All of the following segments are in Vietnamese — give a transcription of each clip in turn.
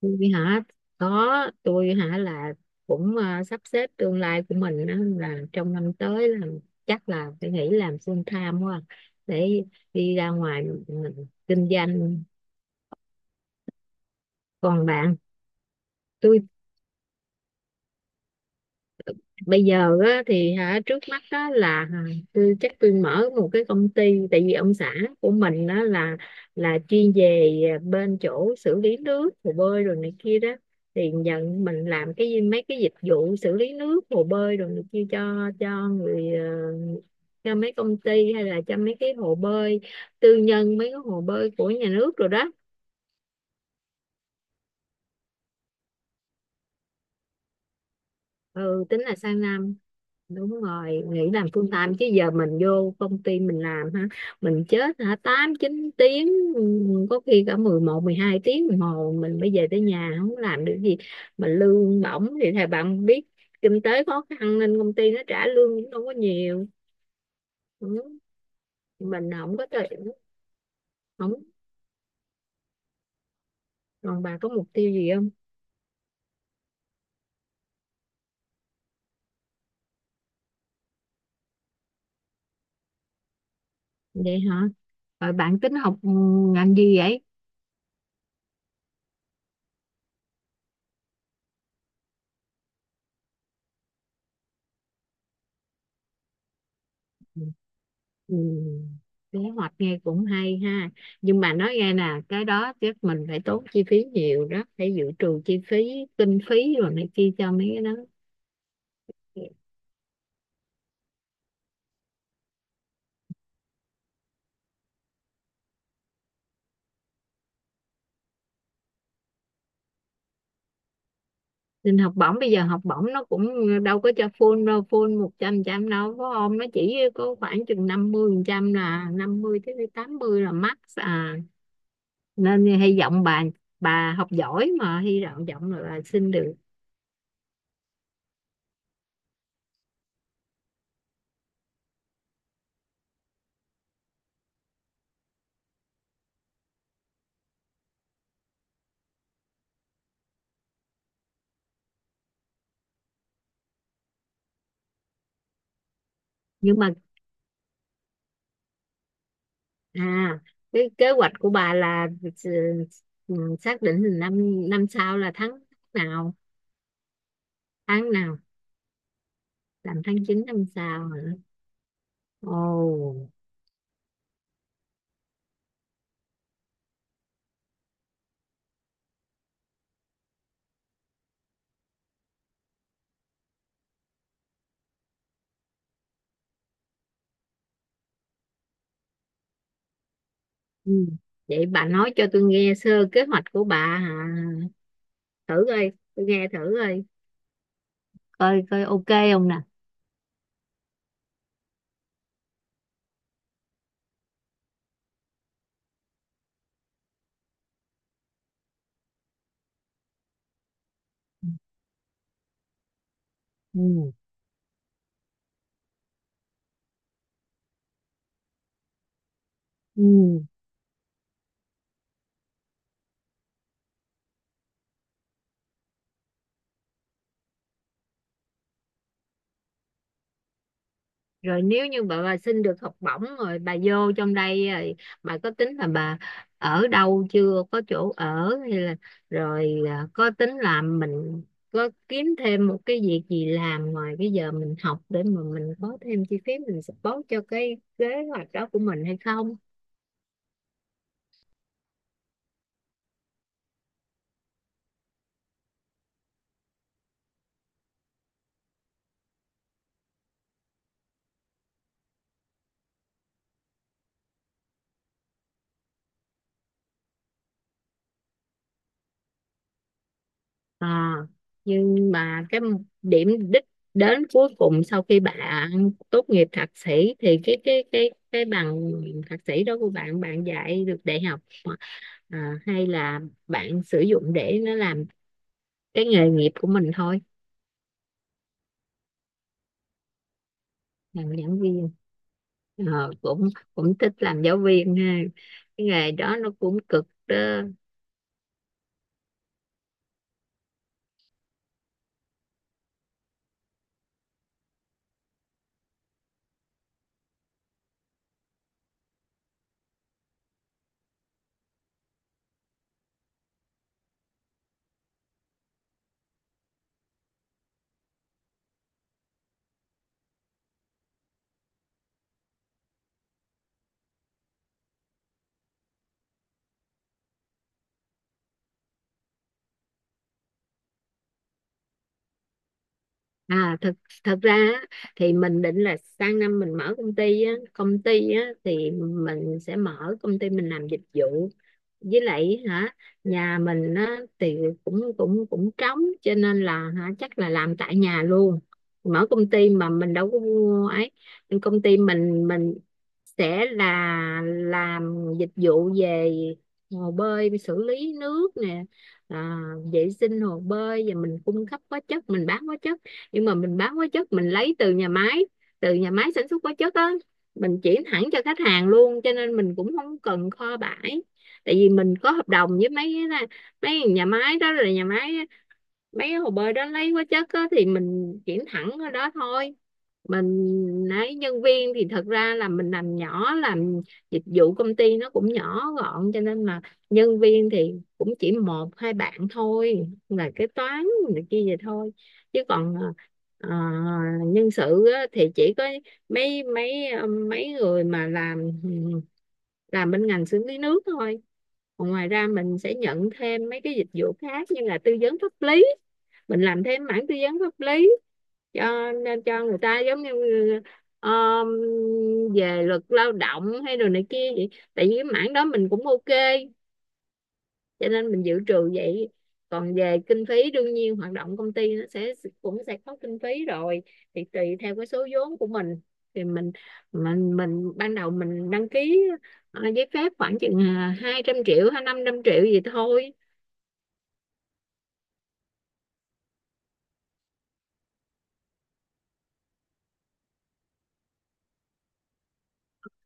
Tôi hả? Có. Tôi hả là cũng sắp xếp tương lai của mình á, là trong năm tới là chắc là phải nghĩ làm full time quá, để đi ra ngoài mình kinh doanh. Còn bạn? Tôi bây giờ á, thì hả trước mắt á, là hả, tôi chắc tôi mở một cái công ty. Tại vì ông xã của mình á, là chuyên về, bên chỗ xử lý nước hồ bơi rồi này kia đó, thì nhận mình làm cái mấy cái dịch vụ xử lý nước hồ bơi rồi này kia cho người, cho mấy công ty hay là cho mấy cái hồ bơi tư nhân, mấy cái hồ bơi của nhà nước rồi đó. Ừ, tính là sang năm, đúng rồi, nghỉ làm full time chứ giờ mình vô công ty mình làm ha, mình chết hả, 8, 9 tiếng, ừ, có khi cả 11, 12 tiếng đồng hồ mình mới về tới nhà không làm được gì, mà lương bổng thì thầy bạn biết, kinh tế khó khăn nên công ty nó trả lương cũng đâu có nhiều. Ừ. Mình không có thể. Không. Còn bà có mục tiêu gì không? Vậy hả? Rồi bạn tính học, ngành gì vậy? Ừ. Kế hoạch nghe cũng hay ha, nhưng mà nói nghe nè, cái đó chắc mình phải tốn chi phí nhiều đó, phải dự trù chi phí, kinh phí rồi này kia cho mấy cái đó. Nên học bổng, bây giờ học bổng nó cũng đâu có cho full đâu, full một trăm trăm đâu có không, nó chỉ có khoảng chừng 50%, là 50 tới 80 là max à. Nên hy vọng bà học giỏi mà hy vọng vọng là bà xin được. Nhưng mà, À, cái kế hoạch của bà là ừ, xác định là năm năm sau là nào, tháng nào, làm tháng 9 năm sau hả? Ồ. Ừ. Vậy bà nói cho tôi nghe sơ kế hoạch của bà hả? Thử coi, tôi nghe thử coi, coi coi ok không nè. Ừ. Ừ. Rồi nếu như bà xin được học bổng rồi bà vô trong đây rồi, bà có tính là bà ở đâu chưa, có chỗ ở hay là rồi, có tính làm mình có kiếm thêm một cái việc gì làm ngoài cái giờ mình học để mà mình có thêm chi phí mình support cho cái kế hoạch đó của mình hay không? à, nhưng mà cái điểm đích đến cuối cùng sau khi bạn tốt nghiệp thạc sĩ thì cái bằng thạc sĩ đó của bạn, bạn dạy được đại học, hay là bạn sử dụng để nó làm cái nghề nghiệp của mình thôi? Làm giảng viên. Ờ, cũng cũng thích làm giáo viên ha, cái nghề đó nó cũng cực đó. Thật thật ra á, thì mình định là sang năm mình mở công ty á, thì mình sẽ mở công ty mình làm dịch vụ. Với lại hả, nhà mình á thì cũng cũng cũng trống cho nên là hả chắc là làm tại nhà luôn, mở công ty mà mình đâu có mua ấy. Nhưng công ty mình, sẽ là làm dịch vụ về hồ bơi xử lý nước nè, à, vệ sinh hồ bơi, và mình cung cấp hóa chất, mình bán hóa chất. Nhưng mà mình bán hóa chất mình lấy từ nhà máy sản xuất hóa chất á, mình chuyển thẳng cho khách hàng luôn cho nên mình cũng không cần kho bãi. Tại vì mình có hợp đồng với mấy cái, mấy nhà máy đó, là nhà máy mấy cái hồ bơi đó lấy hóa chất á, thì mình chuyển thẳng ở đó thôi. Mình ấy nhân viên thì thật ra là mình làm nhỏ, làm dịch vụ, công ty nó cũng nhỏ gọn cho nên là nhân viên thì cũng chỉ một hai bạn thôi, là kế toán này kia vậy thôi. Chứ còn ờ, nhân sự á, thì chỉ có mấy mấy ờ, mấy người mà làm bên ngành xử lý nước thôi. Còn ngoài ra mình sẽ nhận thêm mấy cái dịch vụ khác, như là tư vấn pháp lý. Mình làm thêm mảng tư vấn pháp lý, cho nên cho người ta giống như, ờ, về luật lao động hay đồ này kia vậy, tại vì cái mảng đó mình cũng ok, cho nên mình dự trù vậy. Còn về kinh phí, đương nhiên hoạt động công ty nó sẽ sẽ có kinh phí rồi. Thì tùy theo cái số vốn của mình, thì mình ban đầu mình đăng ký, giấy phép khoảng chừng, 200 triệu hay 500 triệu gì thôi.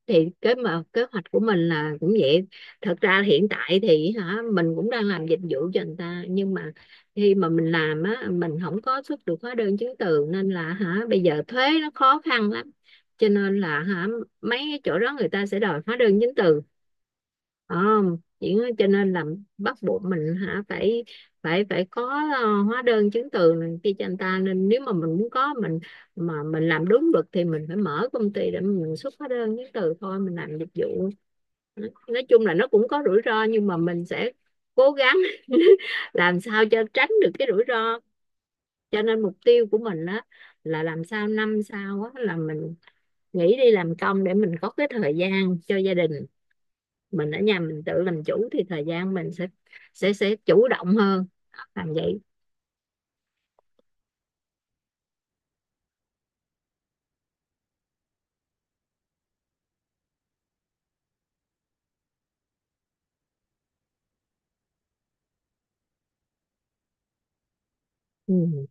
Thì cái mà kế hoạch của mình là cũng vậy. Thật ra hiện tại thì hả mình cũng đang làm dịch vụ cho người ta, nhưng mà khi mà mình làm á, mình không có xuất được hóa đơn chứng từ nên là hả bây giờ thuế nó khó khăn lắm, cho nên là hả mấy cái chỗ đó người ta sẽ đòi hóa đơn chứng từ không chỉ, cho nên là bắt buộc mình hả phải phải phải có, hóa đơn chứng từ này kia cho anh ta. Nên nếu mà mình muốn có mà mình làm đúng luật thì mình phải mở công ty để mình xuất hóa đơn chứng từ thôi, mình làm dịch vụ. Nói chung là nó cũng có rủi ro, nhưng mà mình sẽ cố gắng làm sao cho tránh được cái rủi ro. Cho nên mục tiêu của mình á là làm sao năm sau á là mình nghỉ đi làm công để mình có cái thời gian cho gia đình. Mình ở nhà mình tự làm chủ thì thời gian mình sẽ chủ động hơn, làm vậy. Ừ.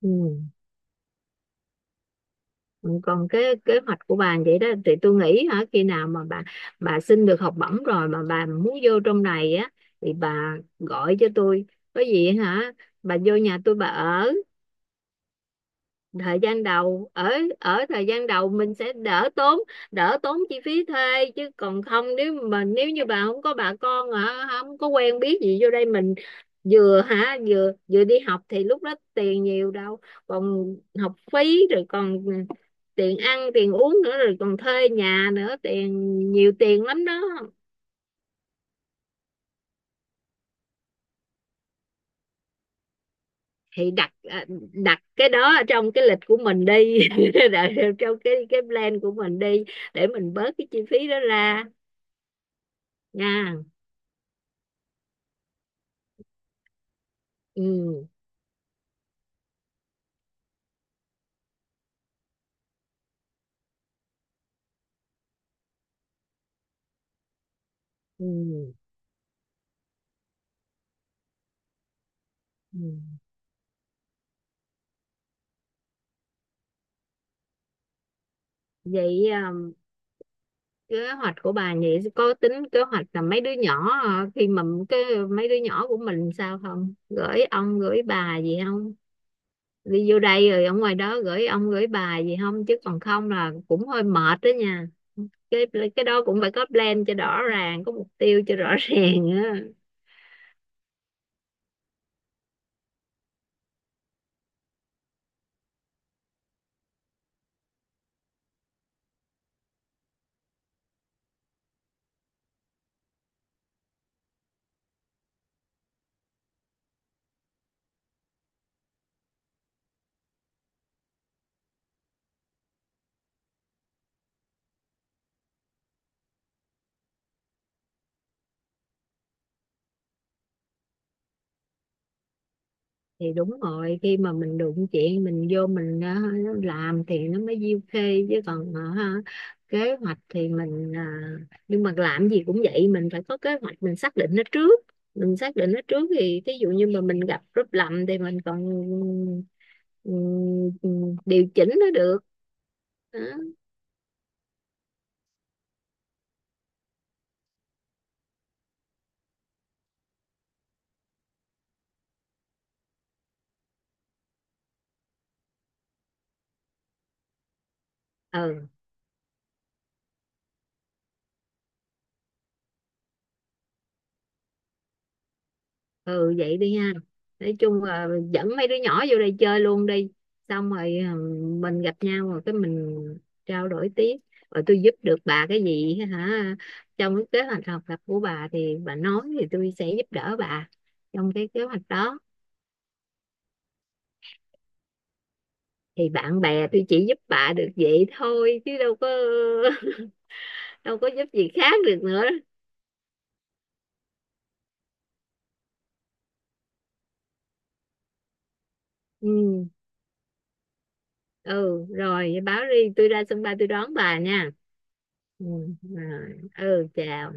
Ừ. Ừ, còn cái kế hoạch của bà vậy đó thì tôi nghĩ hả khi nào mà bà xin được học bổng rồi mà bà muốn vô trong này á thì bà gọi cho tôi. Có gì hả bà vô nhà tôi bà ở thời gian đầu, ở ở thời gian đầu mình sẽ đỡ tốn, chi phí thuê. Chứ còn không nếu nếu như bà không có bà con hả không có quen biết gì vô đây, mình vừa hả vừa vừa đi học thì lúc đó tiền nhiều đâu, còn học phí rồi còn tiền ăn tiền uống nữa rồi còn thuê nhà nữa, tiền nhiều tiền lắm đó. Thì đặt, à, đặt cái đó ở trong cái lịch của mình đi. Đặt trong cái plan của mình đi, để mình bớt cái chi phí đó ra nha. Ừ, ừ, ừ. Vậy, kế hoạch của bà vậy có tính kế hoạch là mấy đứa nhỏ, khi mà cái mấy đứa nhỏ của mình sao không gửi ông gửi bà gì không, đi vô đây rồi ở ngoài đó gửi ông gửi bà gì không, chứ còn không là cũng hơi mệt đó nha. Cái cái đó cũng phải có plan cho rõ ràng, có mục tiêu cho rõ ràng á. Thì đúng rồi, khi mà mình đụng chuyện mình vô mình, làm thì nó mới diêu khê, chứ còn kế hoạch thì mình, nhưng mà làm gì cũng vậy mình phải có kế hoạch, mình xác định nó trước. Mình xác định nó trước thì thí dụ như mà mình gặp rút lầm thì mình còn ừ, ừ, điều chỉnh nó được. Đó. Ừ, ừ, vậy đi ha, nói chung là dẫn mấy đứa nhỏ vô đây chơi luôn đi, xong rồi, mình gặp nhau rồi cái mình trao đổi tiếp. Rồi tôi giúp được bà cái gì hả trong cái kế hoạch học tập của bà thì bà nói, thì tôi sẽ giúp đỡ bà trong cái kế hoạch đó. Thì bạn bè tôi chỉ giúp bà được vậy thôi chứ đâu có, đâu có giúp gì khác được nữa. Ừ, ừ, rồi báo đi tôi ra sân bay tôi đón bà nha. Ừ, rồi. Ừ, chào.